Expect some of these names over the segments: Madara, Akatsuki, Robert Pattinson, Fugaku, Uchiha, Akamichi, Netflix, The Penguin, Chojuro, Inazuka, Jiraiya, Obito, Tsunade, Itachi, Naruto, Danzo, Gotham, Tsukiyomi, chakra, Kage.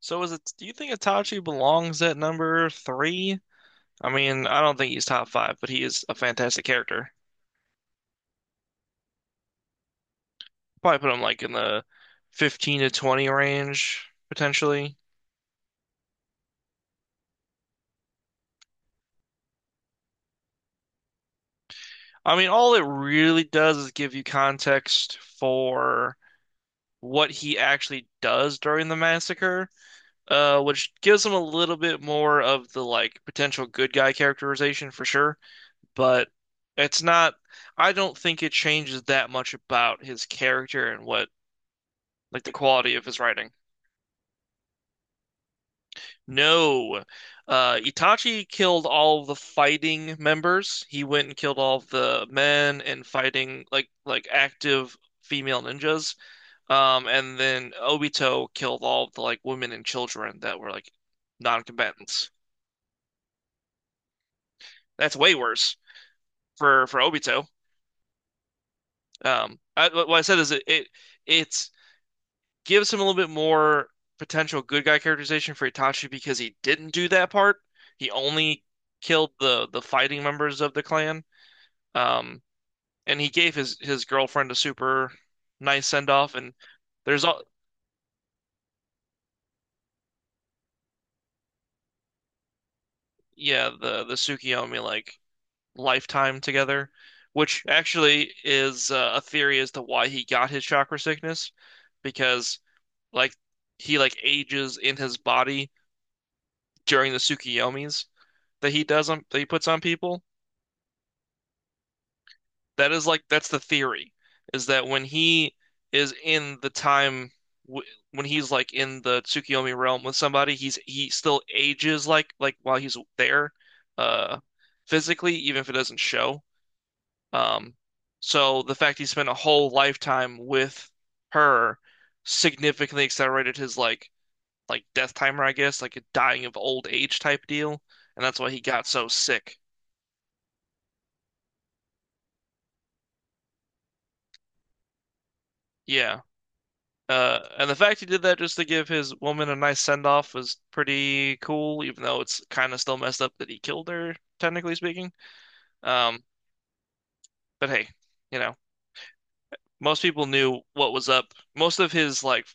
So is it, do you think Itachi belongs at number three? I mean, I don't think he's top five, but he is a fantastic character. Probably put him like in the 15 to 20 range, potentially. I mean, all it really does is give you context for what he actually does during the massacre, which gives him a little bit more of the like potential good guy characterization for sure. But it's not, I don't think it changes that much about his character and what like the quality of his writing. No. Itachi killed all the fighting members. He went and killed all the men and fighting like active female ninjas. And then Obito killed all the like women and children that were like non-combatants. That's way worse for Obito. I, what I said is it, it it's gives him a little bit more potential good guy characterization for Itachi because he didn't do that part. He only killed the fighting members of the clan. Um, and he gave his girlfriend a super nice send off. And there's all yeah, the Tsukiyomi like lifetime together, which actually is a theory as to why he got his chakra sickness because like he like ages in his body during the Tsukiyomis that he does on, that he puts on people. That is that's the theory is that when he is in the time w when he's like in the Tsukiyomi realm with somebody, he still ages like while he's there, uh, physically, even if it doesn't show. Um, so the fact he spent a whole lifetime with her significantly accelerated his like death timer, I guess, like a dying of old age type deal, and that's why he got so sick. Yeah. And the fact he did that just to give his woman a nice send off was pretty cool, even though it's kind of still messed up that he killed her, technically speaking. Um, but hey, you know, most people knew what was up. Most of his like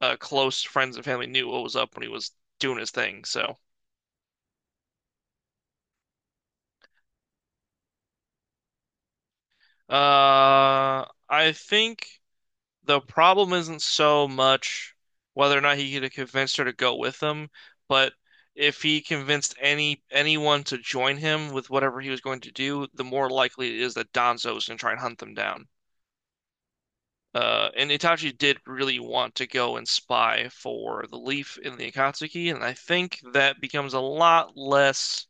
uh, close friends and family knew what was up when he was doing his thing. So, I think the problem isn't so much whether or not he could have convinced her to go with him, but if he convinced anyone to join him with whatever he was going to do, the more likely it is that Danzo is going to try and hunt them down. And Itachi did really want to go and spy for the leaf in the Akatsuki, and I think that becomes a lot less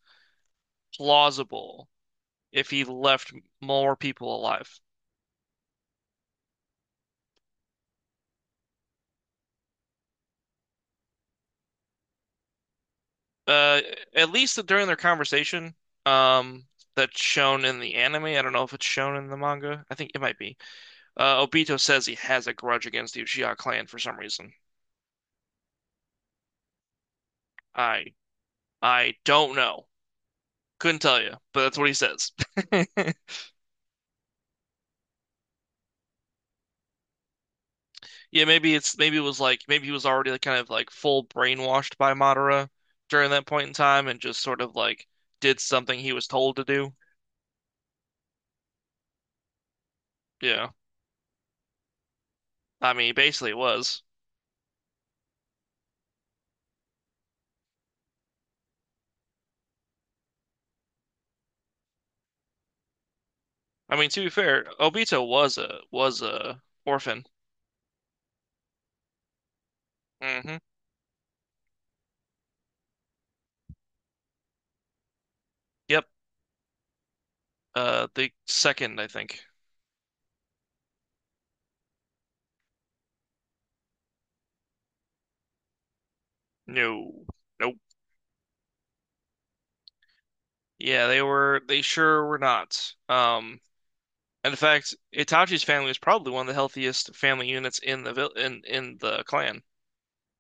plausible if he left more people alive. Uh, at least during their conversation, um, that's shown in the anime. I don't know if it's shown in the manga. I think it might be. Obito says he has a grudge against the Uchiha clan for some reason. I I don't know. Couldn't tell you, but that's what he says. Yeah, maybe it's maybe it was like maybe he was already like kind of like full brainwashed by Madara during that point in time and just sort of like did something he was told to do. Yeah. I mean, basically it was. I mean, to be fair, Obito was a orphan. Hmm Yep. The second, I think. No. Nope. Yeah, they were. They sure were not. And in fact, Itachi's family was probably one of the healthiest family units in the vil in the clan.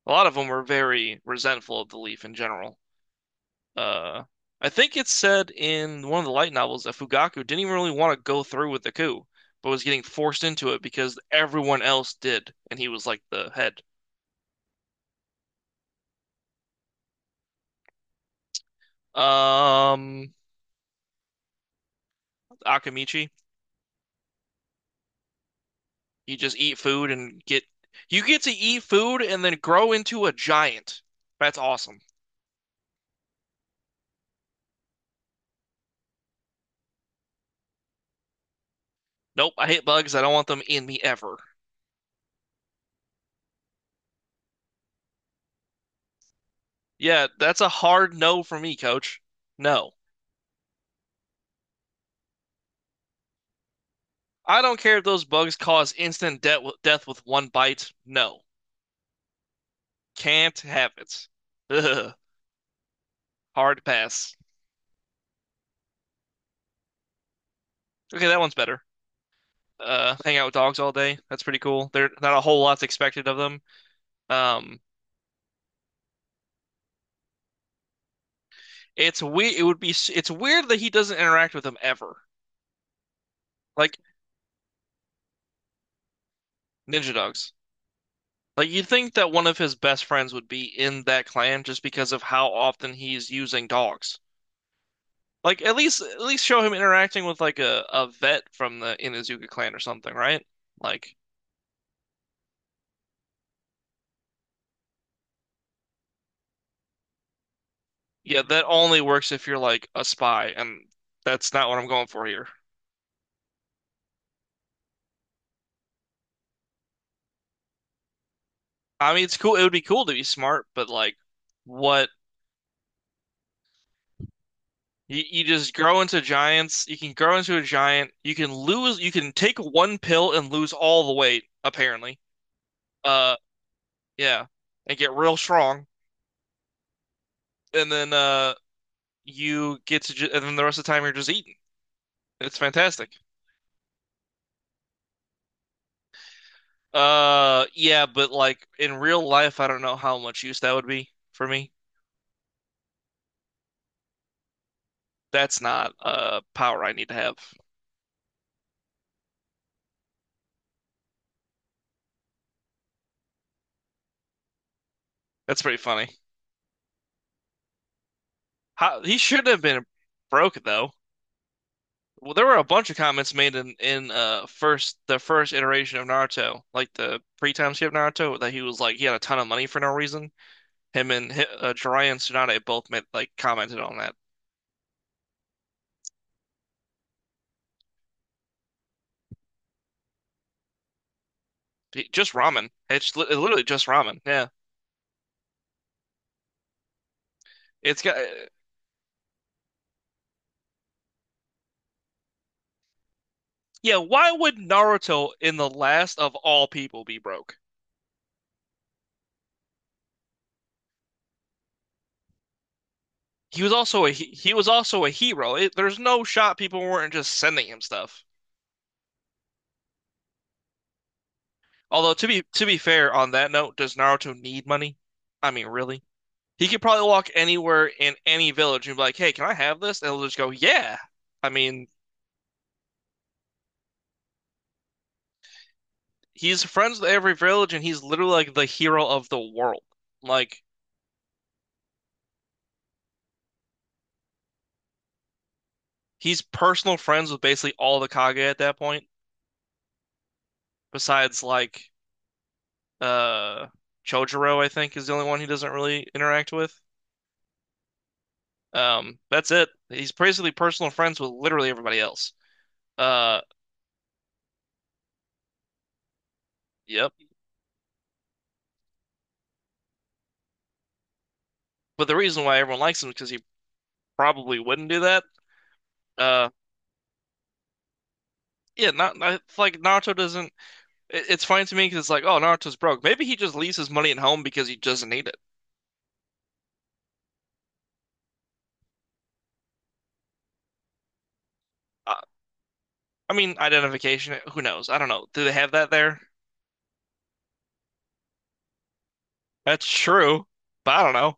A lot of them were very resentful of the Leaf in general. Uh, I think it's said in one of the light novels that Fugaku didn't even really want to go through with the coup, but was getting forced into it because everyone else did, and he was like the head. Um, Akamichi. You just eat food and get you get to eat food and then grow into a giant. That's awesome. Nope, I hate bugs. I don't want them in me ever. Yeah, that's a hard no for me, coach. No. I don't care if those bugs cause instant de death with one bite. No. Can't have it. Ugh. Hard pass. Okay, that one's better. Hang out with dogs all day. That's pretty cool. There, not a whole lot's expected of them. Um, it's we. It would be. It's weird that he doesn't interact with them ever. Like ninja dogs. Like you'd think that one of his best friends would be in that clan just because of how often he's using dogs. Like at least show him interacting with like a vet from the Inazuka clan or something, right? Like yeah, that only works if you're like a spy, and that's not what I'm going for here. I mean, it's cool. It would be cool to be smart, but like what you just grow into giants. You can grow into a giant. You can lose. You can take one pill and lose all the weight, apparently. Uh, yeah, and get real strong. And then you get and then the rest of the time you're just eating. It's fantastic. Yeah, but like in real life I don't know how much use that would be for me. That's not a power I need to have. That's pretty funny. How he should not have been broke though. Well, there were a bunch of comments made in first the first iteration of Naruto, like the pre-time skip Naruto, that he was like he had a ton of money for no reason. Him and Jiraiya and Tsunade both made like commented on that. Just ramen. It's literally just ramen. Yeah. It's got yeah, why would Naruto in the last of all people be broke? He was also a he was also a hero. There's no shot people weren't just sending him stuff. Although to be fair on that note, does Naruto need money? I mean, really? He could probably walk anywhere in any village and be like, "Hey, can I have this?" And they'll just go, "Yeah." I mean, he's friends with every village and he's literally like the hero of the world. Like he's personal friends with basically all the Kage at that point, besides like uh Chojuro, I think, is the only one he doesn't really interact with. That's it. He's basically personal friends with literally everybody else. Uh, yep. But the reason why everyone likes him is because he probably wouldn't do that. Uh, yeah, not, not like Naruto doesn't. It's funny to me because it's like, oh, Naruto's broke. Maybe he just leaves his money at home because he doesn't need it. Uh, I mean, identification. Who knows? I don't know. Do they have that there? That's true, but I don't know.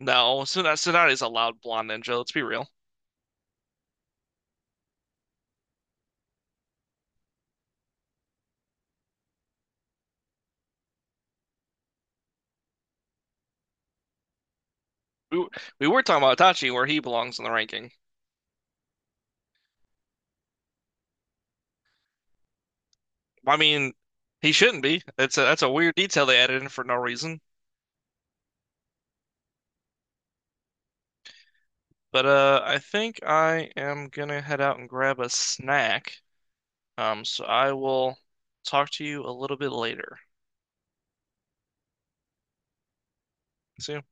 No, Tsunade's a loud blonde ninja. Let's be real. We, w- we were talking about Itachi, where he belongs in the ranking. I mean, he shouldn't be. That's a weird detail they added in for no reason. But I think I am gonna head out and grab a snack. So I will talk to you a little bit later. See you.